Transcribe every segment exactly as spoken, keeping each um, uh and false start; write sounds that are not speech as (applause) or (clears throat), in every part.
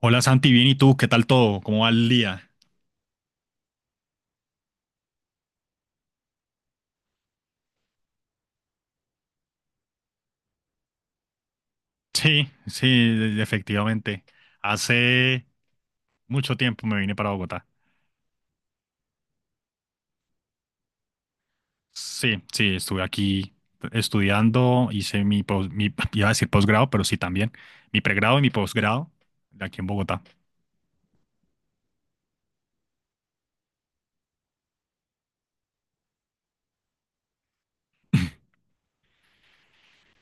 Hola Santi, bien, ¿y tú? ¿Qué tal todo? ¿Cómo va el día? Sí, sí, e- efectivamente. Hace mucho tiempo me vine para Bogotá. Sí, sí, estuve aquí estudiando, hice mi, pos- mi (laughs) iba a decir posgrado, pero sí también, mi pregrado y mi posgrado de aquí en Bogotá.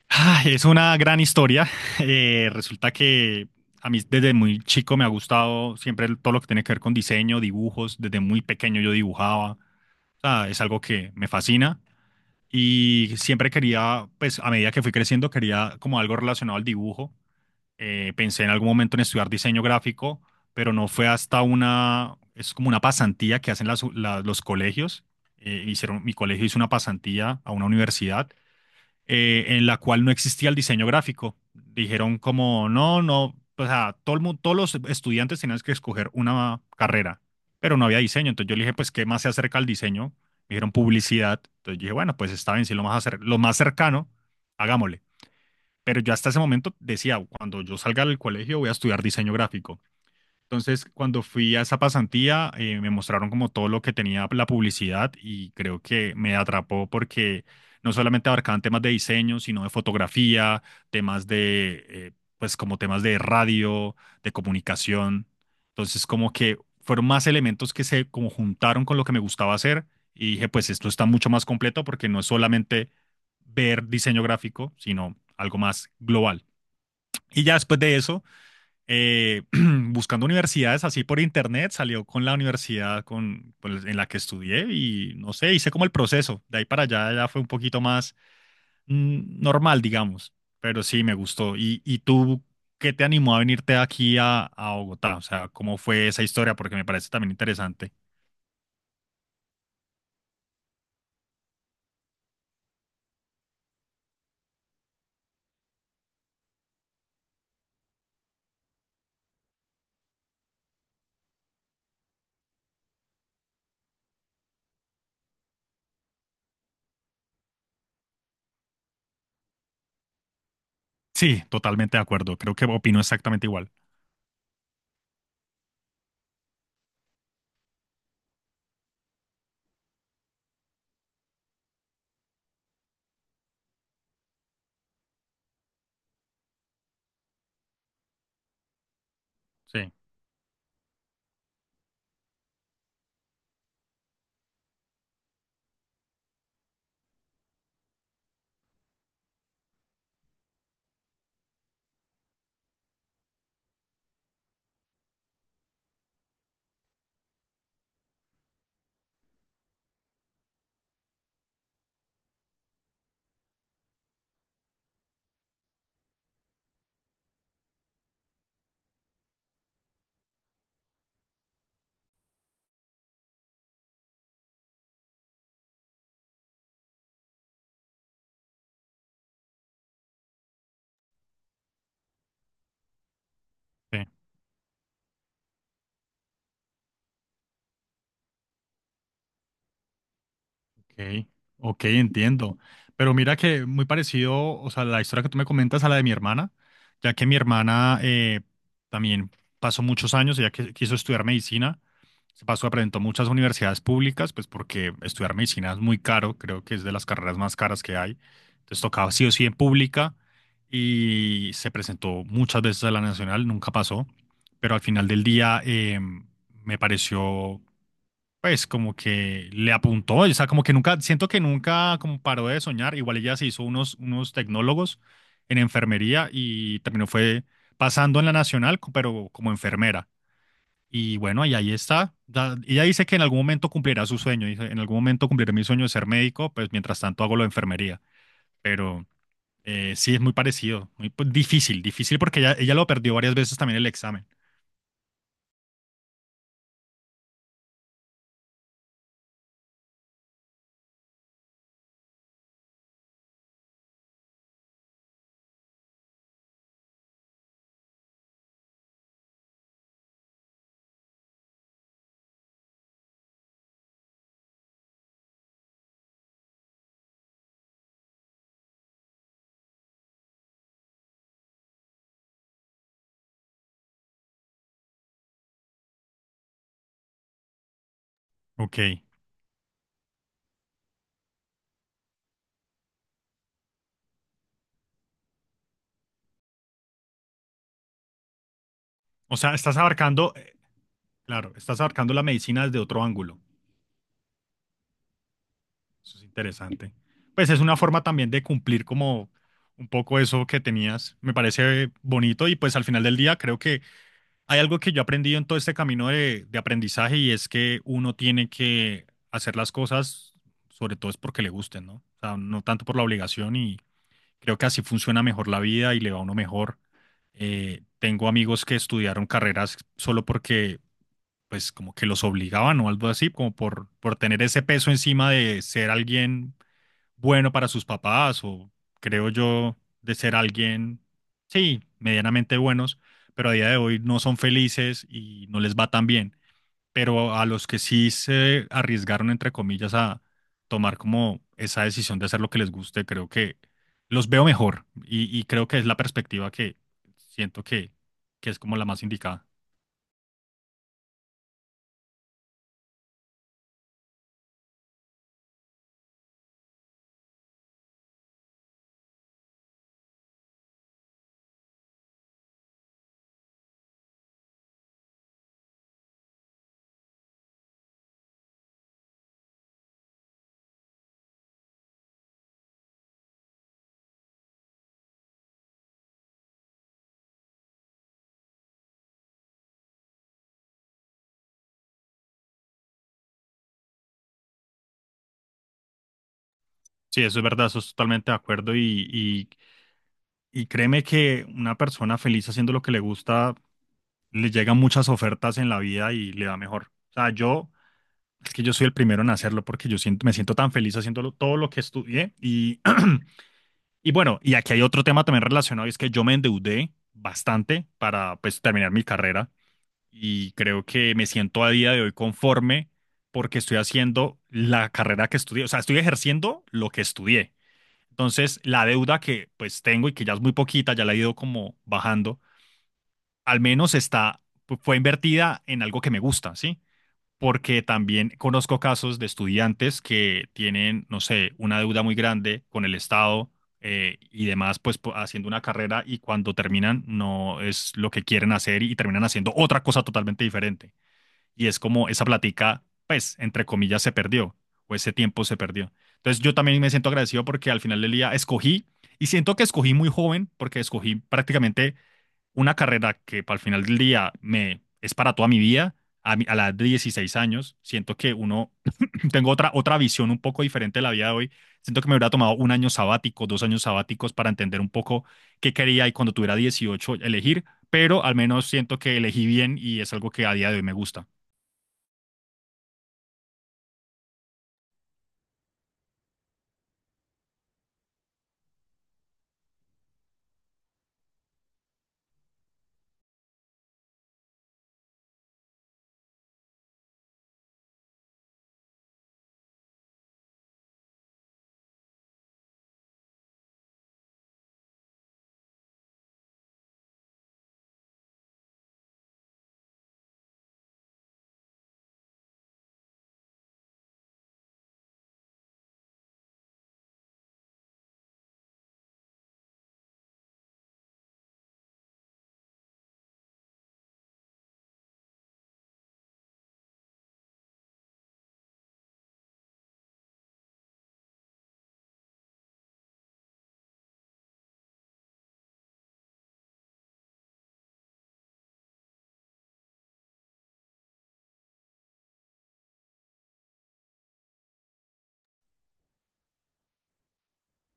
Ay, es una gran historia. (laughs) Eh, resulta que a mí desde muy chico me ha gustado siempre el- todo lo que tiene que ver con diseño, dibujos. Desde muy pequeño yo dibujaba. O sea, es algo que me fascina. Y siempre quería, pues a medida que fui creciendo, quería como algo relacionado al dibujo. Eh, pensé en algún momento en estudiar diseño gráfico, pero no fue hasta una, es como una pasantía que hacen las- la- los colegios. Eh, hicieron, mi colegio hizo una pasantía a una universidad eh, en la cual no existía el diseño gráfico. Dijeron como, no, no, o sea, todo el mu- todos los estudiantes tenían que escoger una carrera, pero no había diseño. Entonces yo le dije, pues, ¿qué más se acerca al diseño? Me dijeron publicidad. Entonces yo dije, bueno, pues está bien, si lo más, acer- lo más cercano, hagámosle. Pero yo hasta ese momento decía, cuando yo salga del colegio voy a estudiar diseño gráfico. Entonces, cuando fui a esa pasantía, eh, me mostraron como todo lo que tenía la publicidad y creo que me atrapó porque no solamente abarcaban temas de diseño, sino de fotografía, temas de, eh, pues como temas de radio, de comunicación. Entonces, como que fueron más elementos que se como juntaron con lo que me gustaba hacer y dije, pues esto está mucho más completo porque no es solamente ver diseño gráfico, sino algo más global. Y ya después de eso eh, (clears throat) buscando universidades así por internet, salió con la universidad con, pues, en la que estudié y no sé, hice como el proceso. De ahí para allá ya fue un poquito más mm, normal, digamos, pero sí me gustó. ¿Y, y tú qué te animó a venirte aquí a, a Bogotá? O sea, ¿cómo fue esa historia? Porque me parece también interesante. Sí, totalmente de acuerdo. Creo que opino exactamente igual. Sí, sí. Ok, ok, entiendo. Pero mira que muy parecido, o sea, la historia que tú me comentas a la de mi hermana, ya que mi hermana eh, también pasó muchos años, ella que- quiso estudiar medicina, se pasó, aparentó muchas universidades públicas, pues porque estudiar medicina es muy caro, creo que es de las carreras más caras que hay. Entonces tocaba sí o sí en pública y se presentó muchas veces a la nacional, nunca pasó, pero al final del día eh, me pareció pues como que le apuntó, o sea, como que nunca, siento que nunca como paró de soñar, igual ella se hizo unos, unos tecnólogos en enfermería y terminó fue pasando en la nacional, co- pero como enfermera. Y bueno, y ahí está. Da- Ella dice que en algún momento cumplirá su sueño, dice, en algún momento cumpliré mi sueño de ser médico, pues mientras tanto hago lo de enfermería. Pero eh, sí es muy parecido, muy pues, difícil, difícil porque ella, ella lo perdió varias veces también el examen. Ok. O sea, estás abarcando, eh, claro, estás abarcando la medicina desde otro ángulo. Eso es interesante. Pues es una forma también de cumplir como un poco eso que tenías. Me parece bonito y pues al final del día creo que hay algo que yo he aprendido en todo este camino de, de aprendizaje y es que uno tiene que hacer las cosas, sobre todo es porque le gusten, ¿no? O sea, no tanto por la obligación y creo que así funciona mejor la vida y le va a uno mejor. Eh, tengo amigos que estudiaron carreras solo porque pues como que los obligaban o algo así, como por, por tener ese peso encima de ser alguien bueno para sus papás o creo yo de ser alguien, sí, medianamente buenos, pero a día de hoy no son felices y no les va tan bien. Pero a los que sí se arriesgaron, entre comillas, a tomar como esa decisión de hacer lo que les guste, creo que los veo mejor y, y creo que es la perspectiva que siento que, que es como la más indicada. Sí, eso es verdad, eso es totalmente de acuerdo y, y, y créeme que una persona feliz haciendo lo que le gusta le llegan muchas ofertas en la vida y le va mejor. O sea, yo, es que yo soy el primero en hacerlo porque yo siento, me siento tan feliz haciendo lo- todo lo que estudié. Y, (clears throat) y bueno, y aquí hay otro tema también relacionado, y es que yo me endeudé bastante para pues terminar mi carrera y creo que me siento a día de hoy conforme porque estoy haciendo la carrera que estudié, o sea, estoy ejerciendo lo que estudié. Entonces, la deuda que pues tengo y que ya es muy poquita, ya la he ido como bajando, al menos está, fue invertida en algo que me gusta, ¿sí? Porque también conozco casos de estudiantes que tienen, no sé, una deuda muy grande con el Estado eh, y demás, pues po- haciendo una carrera y cuando terminan no es lo que quieren hacer y terminan haciendo otra cosa totalmente diferente. Y es como esa plática, pues, entre comillas, se perdió o ese tiempo se perdió. Entonces yo también me siento agradecido porque al final del día escogí y siento que escogí muy joven porque escogí prácticamente una carrera que para el final del día me es para toda mi vida, a, mi- a la edad de dieciséis años, siento que uno, (clears throat) (laughs) tengo otra, otra visión un poco diferente de la vida de hoy, siento que me hubiera tomado un año sabático, dos años sabáticos para entender un poco qué quería y cuando tuviera dieciocho elegir, pero al menos siento que elegí bien y es algo que a día de hoy me gusta.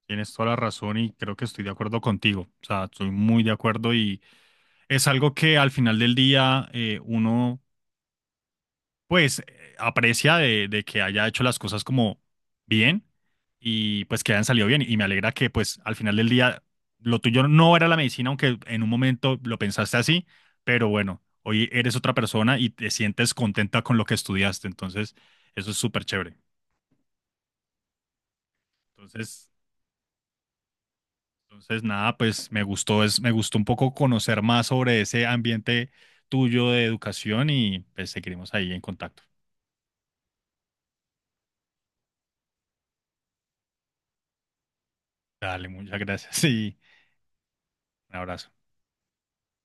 Tienes toda la razón y creo que estoy de acuerdo contigo. O sea, estoy muy de acuerdo y es algo que al final del día eh, uno pues eh, aprecia de, de que haya hecho las cosas como bien y pues que hayan salido bien. Y me alegra que pues al final del día lo tuyo no era la medicina, aunque en un momento lo pensaste así, pero bueno, hoy eres otra persona y te sientes contenta con lo que estudiaste. Entonces, eso es súper chévere. Entonces, entonces nada, pues me gustó, es, me gustó un poco conocer más sobre ese ambiente tuyo de educación y pues seguiremos ahí en contacto. Dale, muchas gracias (laughs) y un abrazo.